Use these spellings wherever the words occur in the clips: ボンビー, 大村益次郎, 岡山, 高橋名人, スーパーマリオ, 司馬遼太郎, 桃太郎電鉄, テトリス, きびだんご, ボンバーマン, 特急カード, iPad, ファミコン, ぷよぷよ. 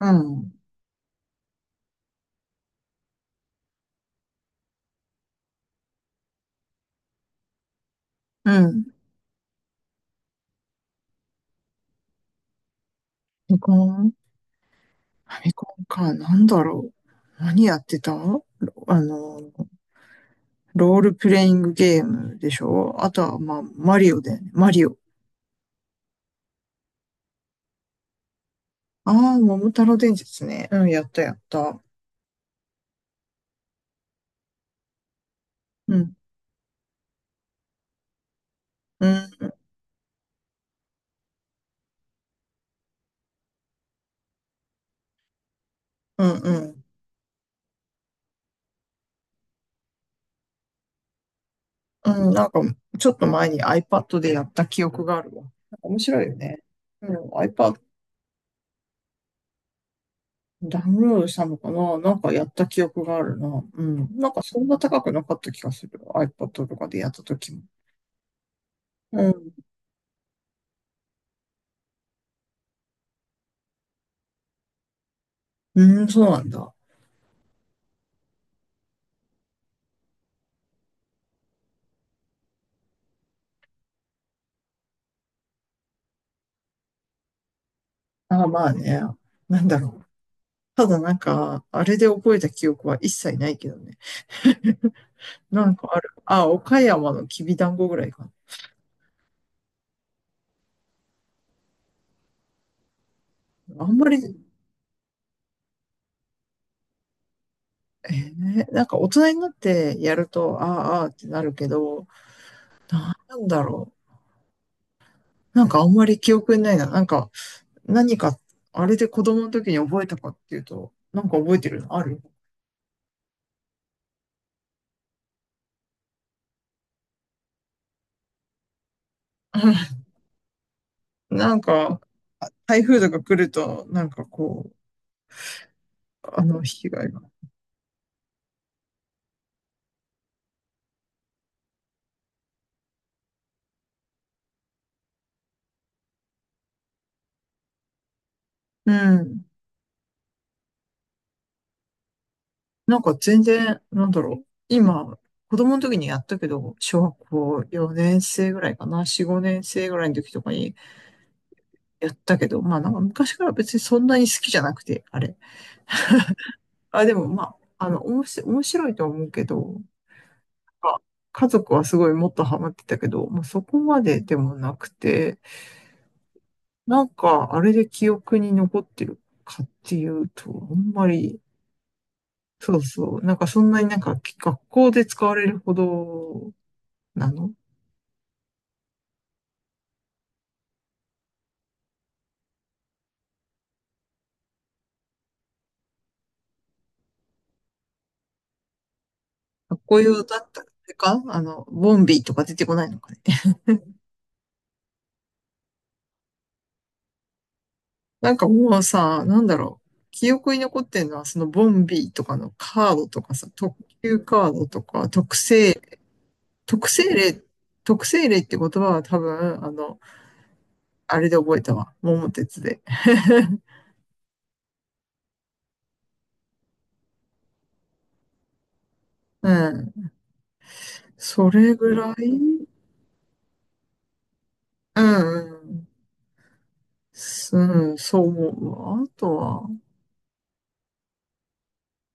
うん。うん。ファミコンか。なんだろう。何やってたあの、ロールプレイングゲームでしょ。あとは、まあ、マリオだよね。マリオ。ああ、桃太郎電鉄ね。うん、やったやった。うん。うん。うん。うん。うん、なんか、ちょっと前に iPad でやった記憶があるわ。なんか面白いよね。うん、iPad、 ダウンロードしたのかな。なんかやった記憶があるな。うん。なんかそんな高くなかった気がする。iPad とかでやった時も。うん。うーん、そうなんだ。ああ、まあね。なんだろう。ただなんか、あれで覚えた記憶は一切ないけどね。なんかある。あ、岡山のきびだんごぐらいかな。あんまり、なんか大人になってやると、ああ、ああってなるけど、なんだろう。なんかあんまり記憶にないな。なんか、何か、あれで子供の時に覚えたかっていうと、なんか覚えてるのある？ なんか、台風とか来ると、なんかこう、あの被害が。うん。なんか全然、なんだろう。今、子供の時にやったけど、小学校4年生ぐらいかな、4、5年生ぐらいの時とかにやったけど、まあなんか昔から別にそんなに好きじゃなくて、あれ。あ、でもまあ、あの、おもし、面白いと思うけど、あ家族はすごいもっとハマってたけど、まあそこまででもなくて、なんかあれで記憶に残ってるかっていうと、あんまり、そうそう、なんかそんなになんか学校で使われるほどなの？かっこよだったら、あれかあの、ボンビーとか出てこないのかね。なんかもうさ、なんだろう。記憶に残ってるのは、そのボンビーとかのカードとかさ、特急カードとか、特性例、特性例って言葉は多分、あの、あれで覚えたわ。桃鉄で。うん。それぐらい。うん、うん。うん、そう思うわ。あとは、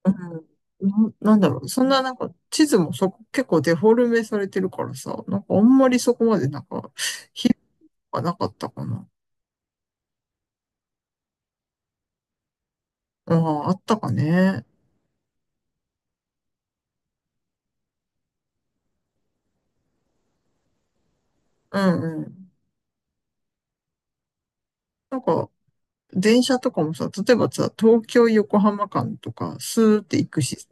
うん、なんだろう。そんななんか地図もそこ結構デフォルメされてるからさ、なんかあんまりそこまでなんか、なかったかな。ああ、あったかね。うんうん。なんか電車とかもさ、例えばさ、東京横浜間とかスーって行くしさ、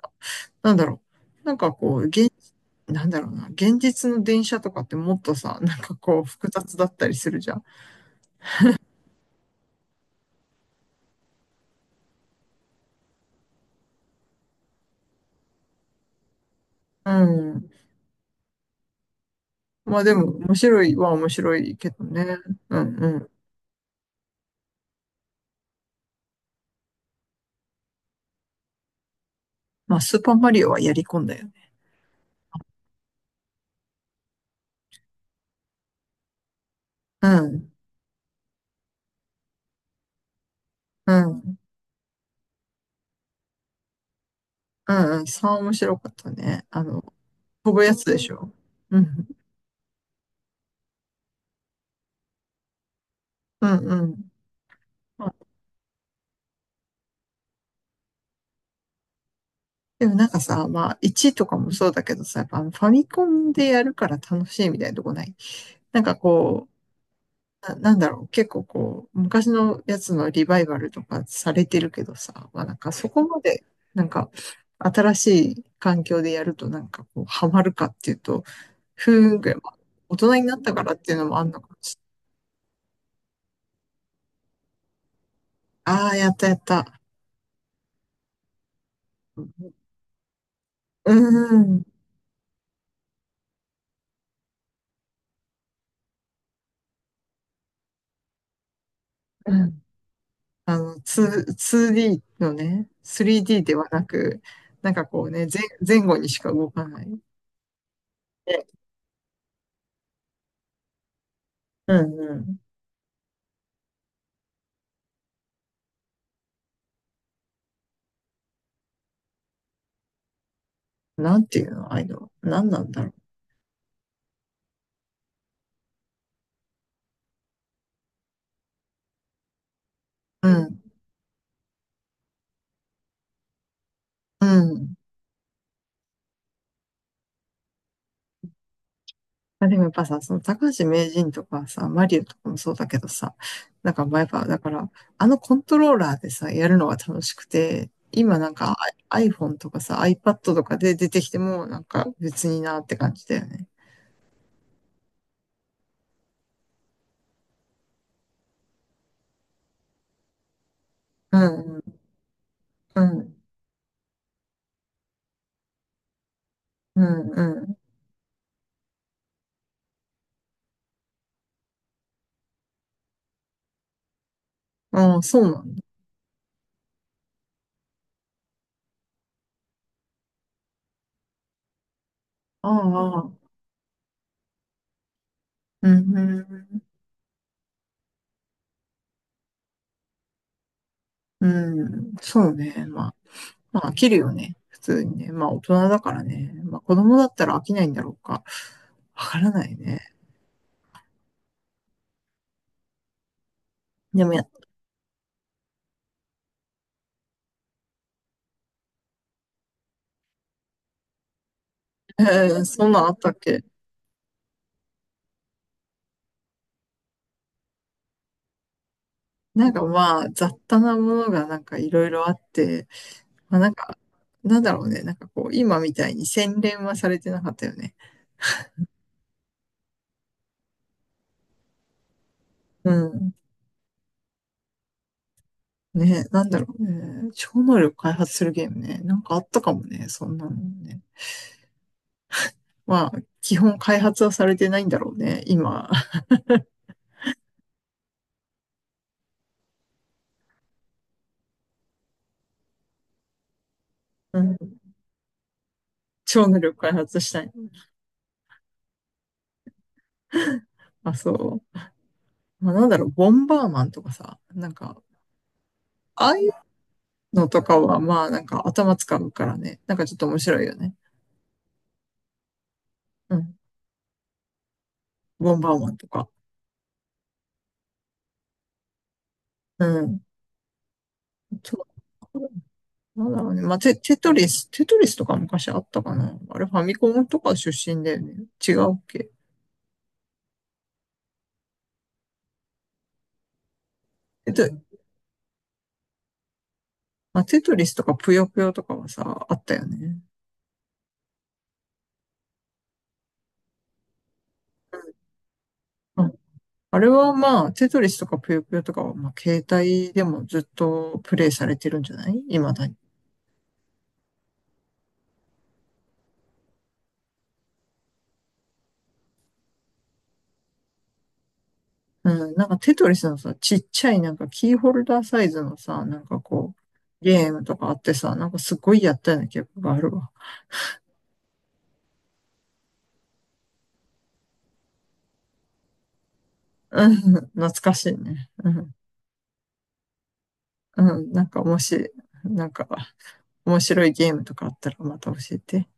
なんだろう。なんかこう、なんだろうな。現実の電車とかってもっとさ、なんかこう複雑だったりするじゃん。うん。まあでも面白いは面白いけどね。うんうん。まあスーパーマリオはやり込んだよ。うん、うん、うん、うん、面白かったね。あの、飛ぶやつでしょ。うん、うん、うん。まあでもなんかさ、まあ、1とかもそうだけどさ、やっぱあのファミコンでやるから楽しいみたいなとこない？なんかこう、なんだろう、結構こう、昔のやつのリバイバルとかされてるけどさ、まあなんかそこまで、なんか、新しい環境でやるとなんかこう、ハマるかっていうと、ふーんぐらい、まあ大人になったからっていうのもあんのかもしれない。ああ、やったやった。うん、うん。あの、2、2D のね、3D ではなく、なんかこうね、前後にしか動かない。で、うんうん。なんていうの、ああいうの。何なんだろう。うん、うん。あ、でもやっぱさ、その高橋名人とかさ、マリオとかもそうだけどさ、なんかまあやっぱ、だから、あのコントローラーでさ、やるのが楽しくて、今なんか iPhone とかさ、iPad とかで出てきても、なんか別になって感じだよね。うん、うん、うん、うん、うん。ああ、そうなんだ。ああ、ああ、うん、うん、うん、そうね。まあ、まあ、飽きるよね。普通にね。まあ、大人だからね。まあ、子供だったら飽きないんだろうか。わからないね。でもや、そんなんあったっけ？なんかまあ、雑多なものがなんかいろいろあって、まあなんか、なんだろうね。なんかこう、今みたいに洗練はされてなかったよね。うん。ね、なんだろうね。超能力開発するゲームね。なんかあったかもね。そんなのね。まあ、基本開発はされてないんだろうね、今。うん。超能力開発したい。あ、そう。まあ、なんだろう、ボンバーマンとかさ、なんか、ああいうのとかは、まあ、なんか頭使うからね、なんかちょっと面白いよね。うん。ボンバーマンとか。うん。そう。なんだろうね。まあ、テトリスとか昔あったかな。あれ、ファミコンとか出身だよね。違うっけ？えっと、まあ、テトリスとかぷよぷよとかはさ、あったよね。うん。あれはまあ、テトリスとかぷよぷよとかは、まあ、携帯でもずっとプレイされてるんじゃない？未だに。うん、なんかテトリスのさ、ちっちゃいなんかキーホルダーサイズのさ、なんかこう、ゲームとかあってさ、なんかすごいやったような記憶があるわ。うん、懐かしいね。うん、うん、なんかもし、なんか面白いゲームとかあったらまた教えて。